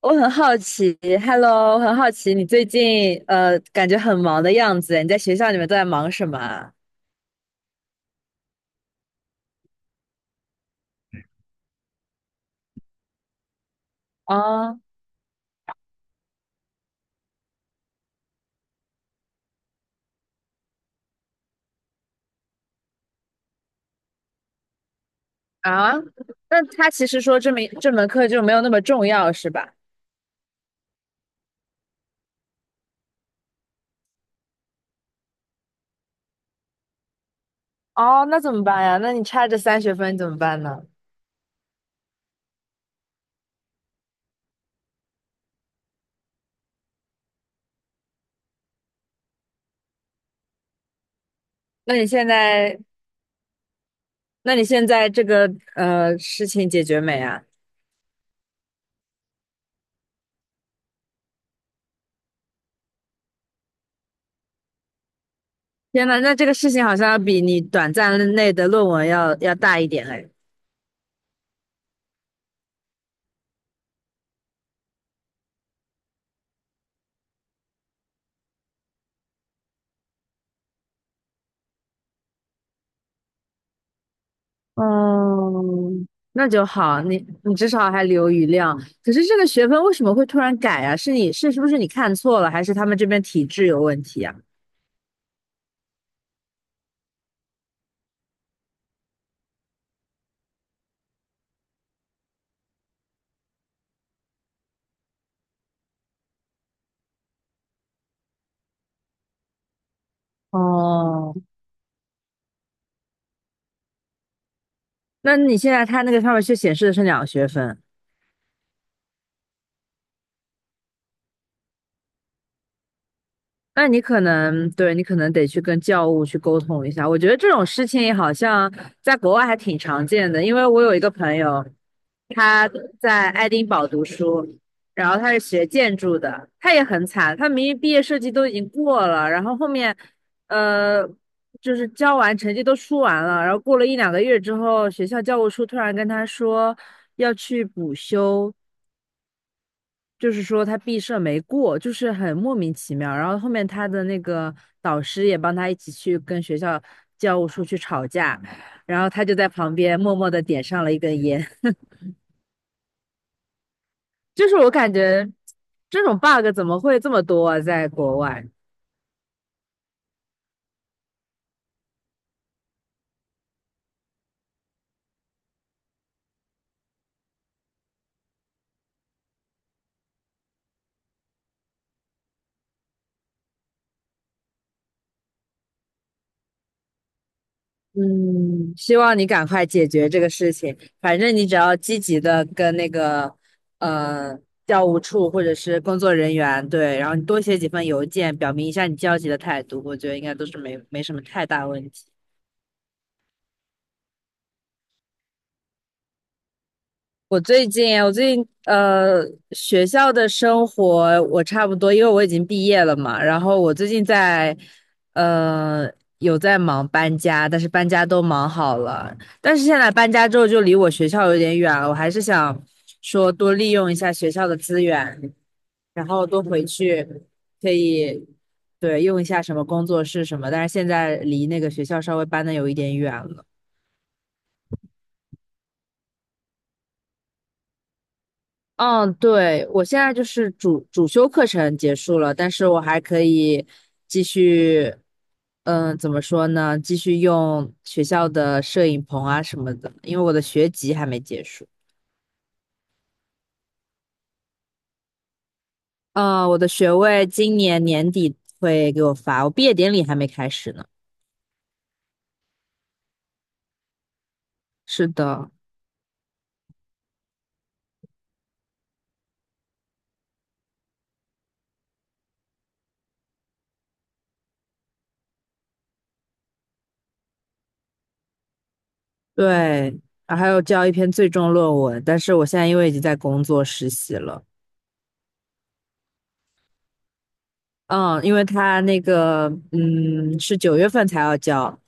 我很好奇，Hello，我很好奇你最近感觉很忙的样子，你在学校里面都在忙什么啊？哦。啊，那他其实说这门课就没有那么重要，是吧？哦，那怎么办呀？那你差这三学分怎么办呢？那你现在，那你现在这个事情解决没啊？天呐，那这个事情好像要比你短暂内的论文要大一点哎。哦，那就好，你至少还留余量。可是这个学分为什么会突然改啊？是你是是不是你看错了，还是他们这边体制有问题啊？哦，那你现在他那个上面却显示的是两个学分。那你可能对你可能得去跟教务去沟通一下。我觉得这种事情好像在国外还挺常见的，因为我有一个朋友，他在爱丁堡读书，然后他是学建筑的，他也很惨，他明明毕业设计都已经过了，然后后面，呃，就是交完成绩都出完了，然后过了一两个月之后，学校教务处突然跟他说要去补修，就是说他毕设没过，就是很莫名其妙。然后后面他的那个导师也帮他一起去跟学校教务处去吵架，然后他就在旁边默默的点上了一根烟。就是我感觉这种 bug 怎么会这么多啊，在国外？嗯，希望你赶快解决这个事情。反正你只要积极的跟那个呃教务处或者是工作人员对，然后你多写几份邮件，表明一下你焦急的态度，我觉得应该都是没什么太大问题。我最近学校的生活我差不多，因为我已经毕业了嘛。然后我最近在呃有在忙搬家，但是搬家都忙好了。但是现在搬家之后就离我学校有点远了，我还是想说多利用一下学校的资源，然后多回去可以对用一下什么工作室什么。但是现在离那个学校稍微搬的有一点远了。嗯，对，我现在就是主修课程结束了，但是我还可以继续，嗯，怎么说呢？继续用学校的摄影棚啊什么的，因为我的学籍还没结束。嗯，我的学位今年年底会给我发，我毕业典礼还没开始呢。是的。对，然还有交一篇最终论文，但是我现在因为已经在工作实习了。嗯，因为他那个，嗯，是九月份才要交。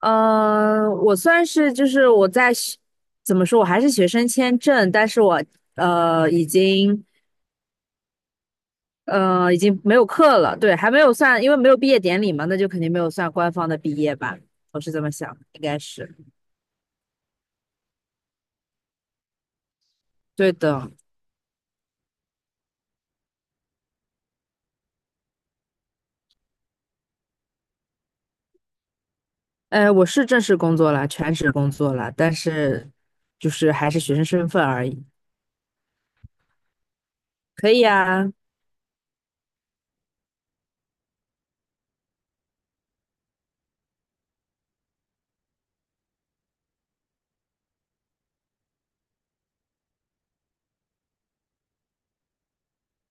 呃，我算是就是我在学怎么说，我还是学生签证，但是我已经已经没有课了，对，还没有算，因为没有毕业典礼嘛，那就肯定没有算官方的毕业吧，我是这么想的，应该是对的。哎，我是正式工作了，全职工作了，但是就是还是学生身份而已。可以啊。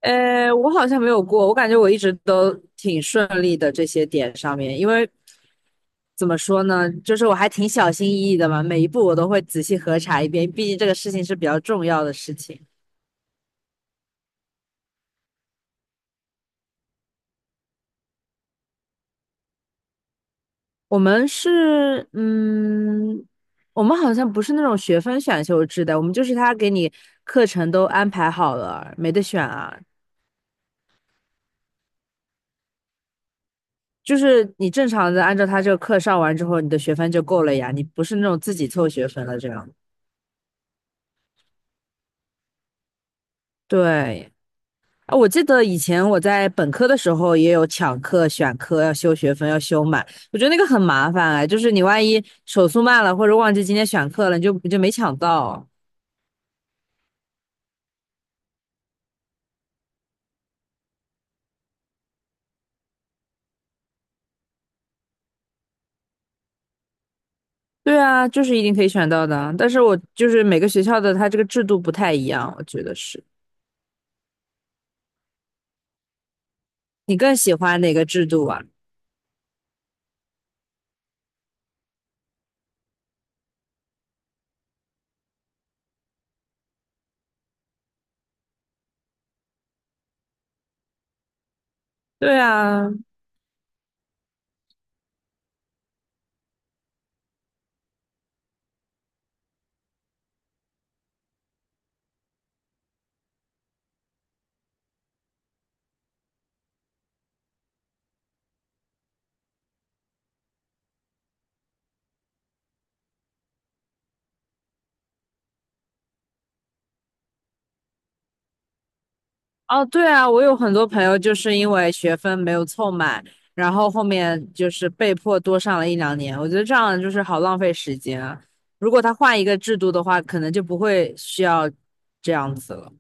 呃，我好像没有过，我感觉我一直都挺顺利的这些点上面，因为怎么说呢？就是我还挺小心翼翼的嘛，每一步我都会仔细核查一遍，毕竟这个事情是比较重要的事情。我们是，嗯，我们好像不是那种学分选修制的，我们就是他给你课程都安排好了，没得选啊。就是你正常的按照他这个课上完之后，你的学分就够了呀，你不是那种自己凑学分了这样。对。啊，我记得以前我在本科的时候也有抢课、选课，要修学分，要修满。我觉得那个很麻烦哎，就是你万一手速慢了，或者忘记今天选课了，你就没抢到。对啊，就是一定可以选到的啊。但是我就是每个学校的它这个制度不太一样，我觉得是。你更喜欢哪个制度啊？对啊。哦，对啊，我有很多朋友就是因为学分没有凑满，然后后面就是被迫多上了一两年。我觉得这样就是好浪费时间啊。如果他换一个制度的话，可能就不会需要这样子了。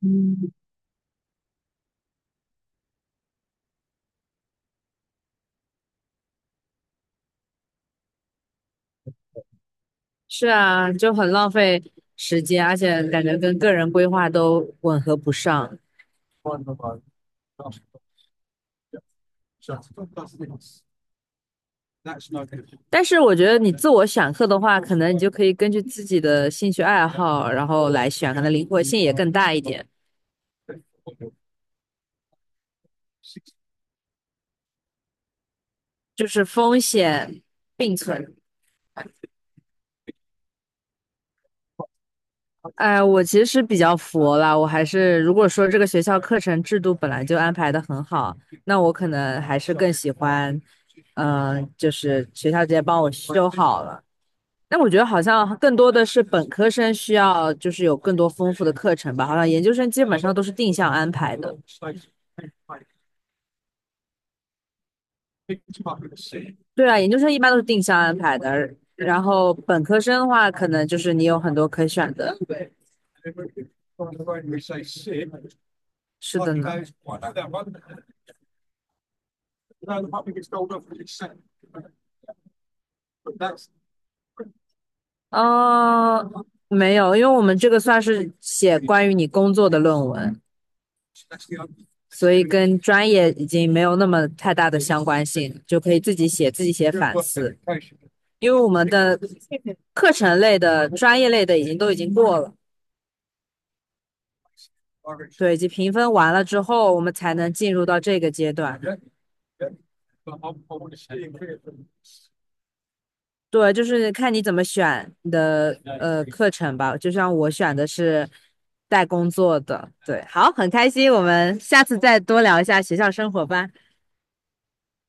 嗯，是啊，就很浪费时间，而且感觉跟个人规划都吻合不上。但是我觉得你自我选课的话，可能你就可以根据自己的兴趣爱好，然后来选，可能灵活性也更大一点，就是风险并存。哎，我其实是比较佛了，我还是如果说这个学校课程制度本来就安排的很好，那我可能还是更喜欢，嗯、就是学校直接帮我修好了。那我觉得好像更多的是本科生需要，就是有更多丰富的课程吧。好像研究生基本上都是定向安排的。对啊，研究生一般都是定向安排的，然后本科生的话，可能就是你有很多可选的。是的呢。哦，没有，因为我们这个算是写关于你工作的论文，所以跟专业已经没有那么太大的相关性，就可以自己写，自己写反思。因为我们的课程类的、专业类的已经都已经过了，对，已经评分完了之后，我们才能进入到这个阶段。对，就是看你怎么选你的课程吧。就像我选的是带工作的，对，好，很开心，我们下次再多聊一下学校生活吧。